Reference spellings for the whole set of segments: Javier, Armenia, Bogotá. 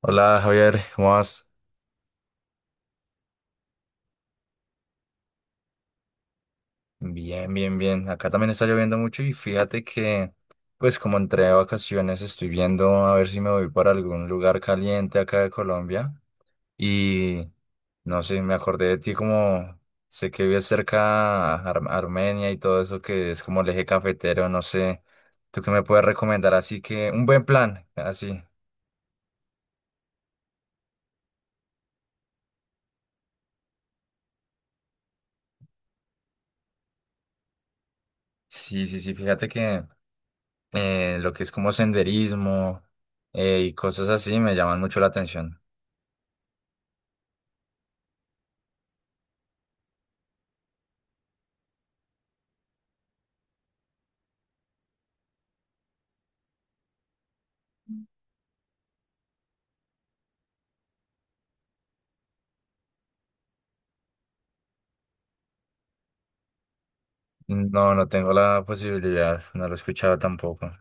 Hola Javier, ¿cómo vas? Bien, bien, bien. Acá también está lloviendo mucho y fíjate que, pues como entré de vacaciones, estoy viendo a ver si me voy para algún lugar caliente acá de Colombia. Y no sé, me acordé de ti como sé que vives cerca a Armenia y todo eso que es como el eje cafetero, no sé. ¿Tú qué me puedes recomendar? Así que un buen plan, así. Sí, sí, sí, fíjate que lo que es como senderismo y cosas así me llaman mucho la atención. No, no tengo la posibilidad, no lo he escuchado tampoco.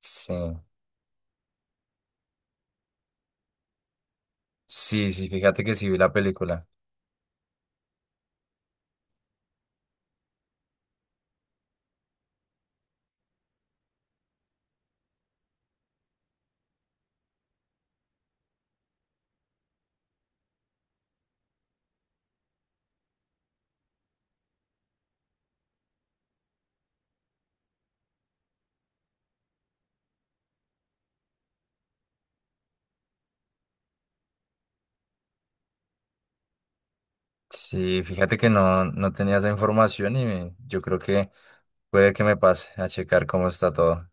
Sí, sí, sí, fíjate que sí vi la película. Sí, fíjate que no, no tenía esa información y. Yo creo que puede que me pase a checar cómo está todo.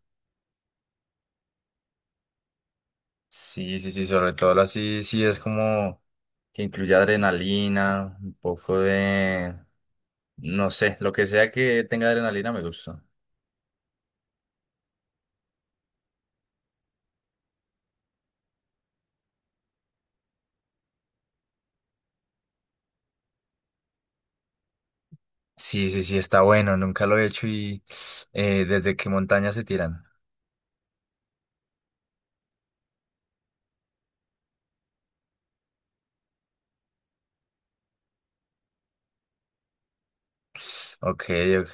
Sí, sí, sí, sobre todo así, sí sí es como que incluye adrenalina, un poco de, no sé, lo que sea que tenga adrenalina me gusta. Sí, sí, sí, está bueno, nunca lo he hecho y desde qué montaña se tiran. Ok, ok.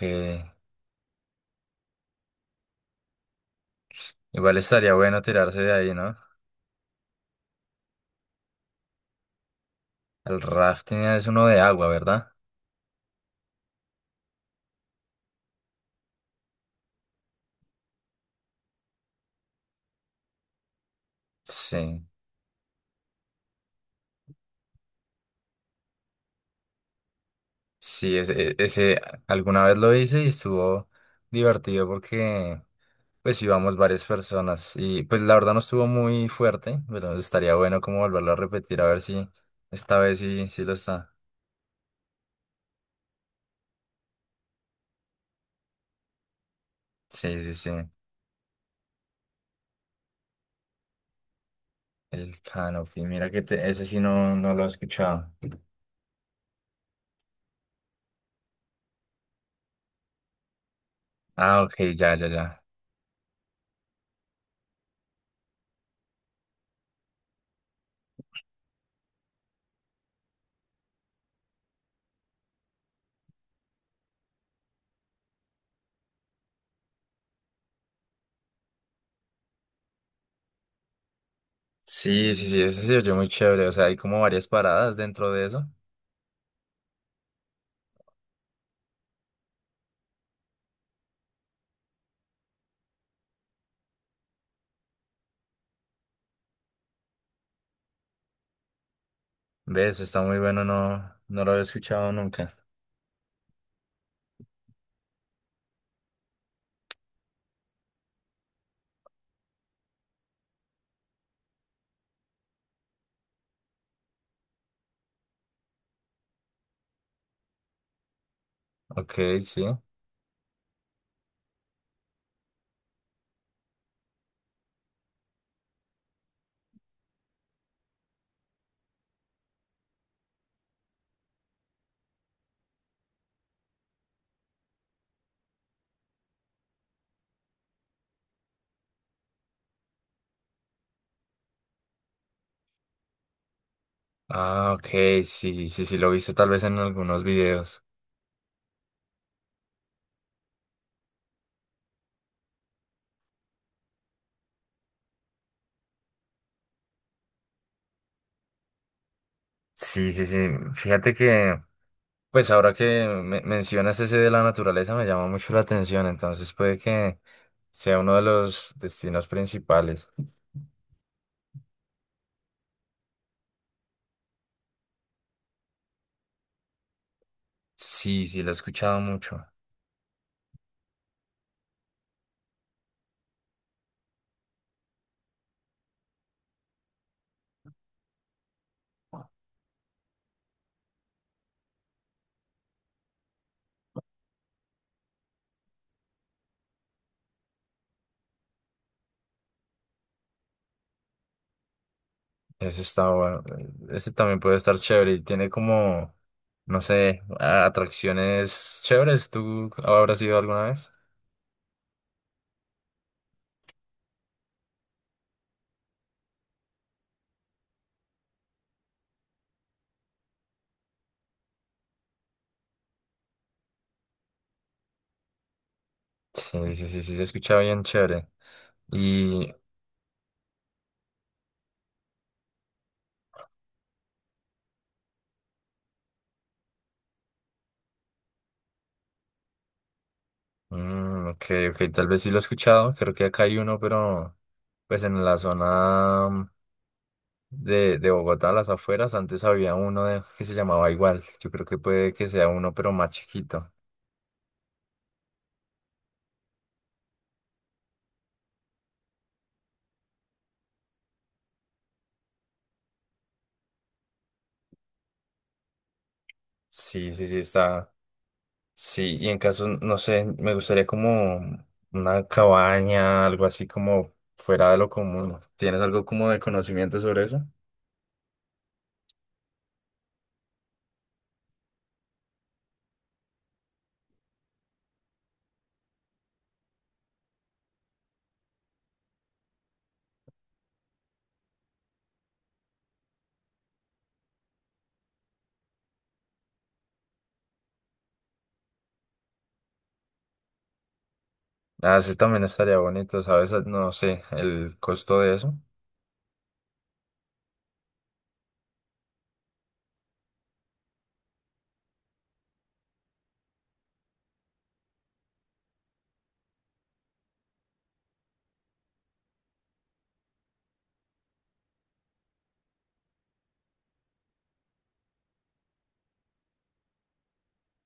Igual estaría bueno tirarse de ahí, ¿no? El rafting es uno de agua, ¿verdad? Sí, sí, ese alguna vez lo hice y estuvo divertido porque pues íbamos varias personas y pues la verdad no estuvo muy fuerte, pero estaría bueno como volverlo a repetir a ver si esta vez sí, sí lo está. Sí, sí, sí. El canopy, mira que. Ese sí no, no lo he escuchado. Ah, ok, ya, ya, ya. Sí, sí, sí, ese se oyó muy chévere, o sea, hay como varias paradas dentro de eso. ¿Ves? Está muy bueno, no, no lo había escuchado nunca. Ok, sí. Ah, ok, sí, sí, sí, lo viste tal vez en algunos videos. Sí, sí, sí. Fíjate que, pues ahora que mencionas ese de la naturaleza me llama mucho la atención, entonces puede que sea uno de los destinos principales. Sí, sí, lo he escuchado mucho. Ese está bueno. Ese también puede estar chévere y tiene como, no sé, atracciones chéveres. ¿Tú habrás ido alguna vez? Sí, sí, sí, sí, se escucha bien chévere. Y, ok, ok, tal vez sí lo he escuchado, creo que acá hay uno, pero pues en la zona de Bogotá, a las afueras, antes había uno que se llamaba igual, yo creo que puede que sea uno, pero más chiquito. Sí, sí, sí, está. Sí, y en caso, no sé, me gustaría como una cabaña, algo así como fuera de lo común. ¿Tienes algo como de conocimiento sobre eso? Ah, sí, también estaría bonito, ¿sabes? Ah, no sé, el costo de eso.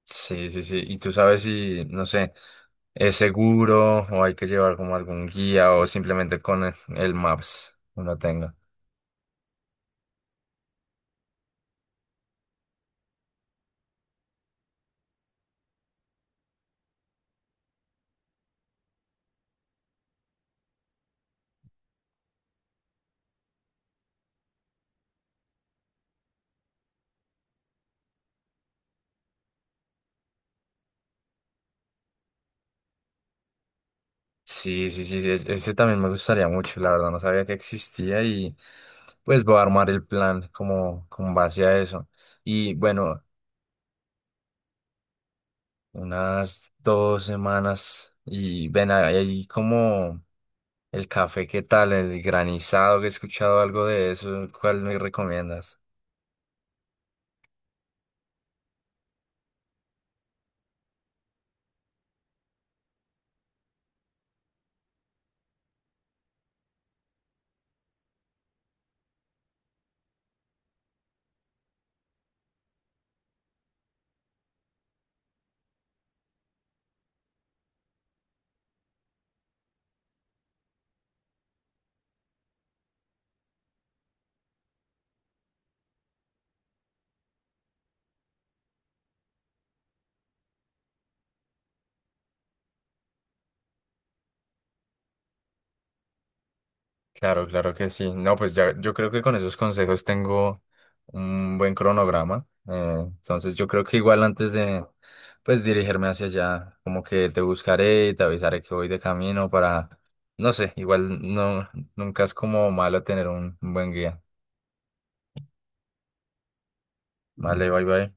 Sí, sí, sí. Y tú sabes si, no sé, es seguro o hay que llevar como algún guía o simplemente con el Maps uno tenga. Sí, sí, sí, ese también me gustaría mucho, la verdad, no sabía que existía y pues voy a armar el plan como con base a eso. Y bueno, unas 2 semanas y ven ahí como… El café, ¿qué tal? El granizado, que he escuchado algo de eso, ¿cuál me recomiendas? Claro, claro que sí. No, pues ya, yo creo que con esos consejos tengo un buen cronograma. Entonces yo creo que igual antes de, pues, dirigirme hacia allá, como que te buscaré y te avisaré que voy de camino para, no sé, igual no, nunca es como malo tener un buen guía. Vale, bye bye.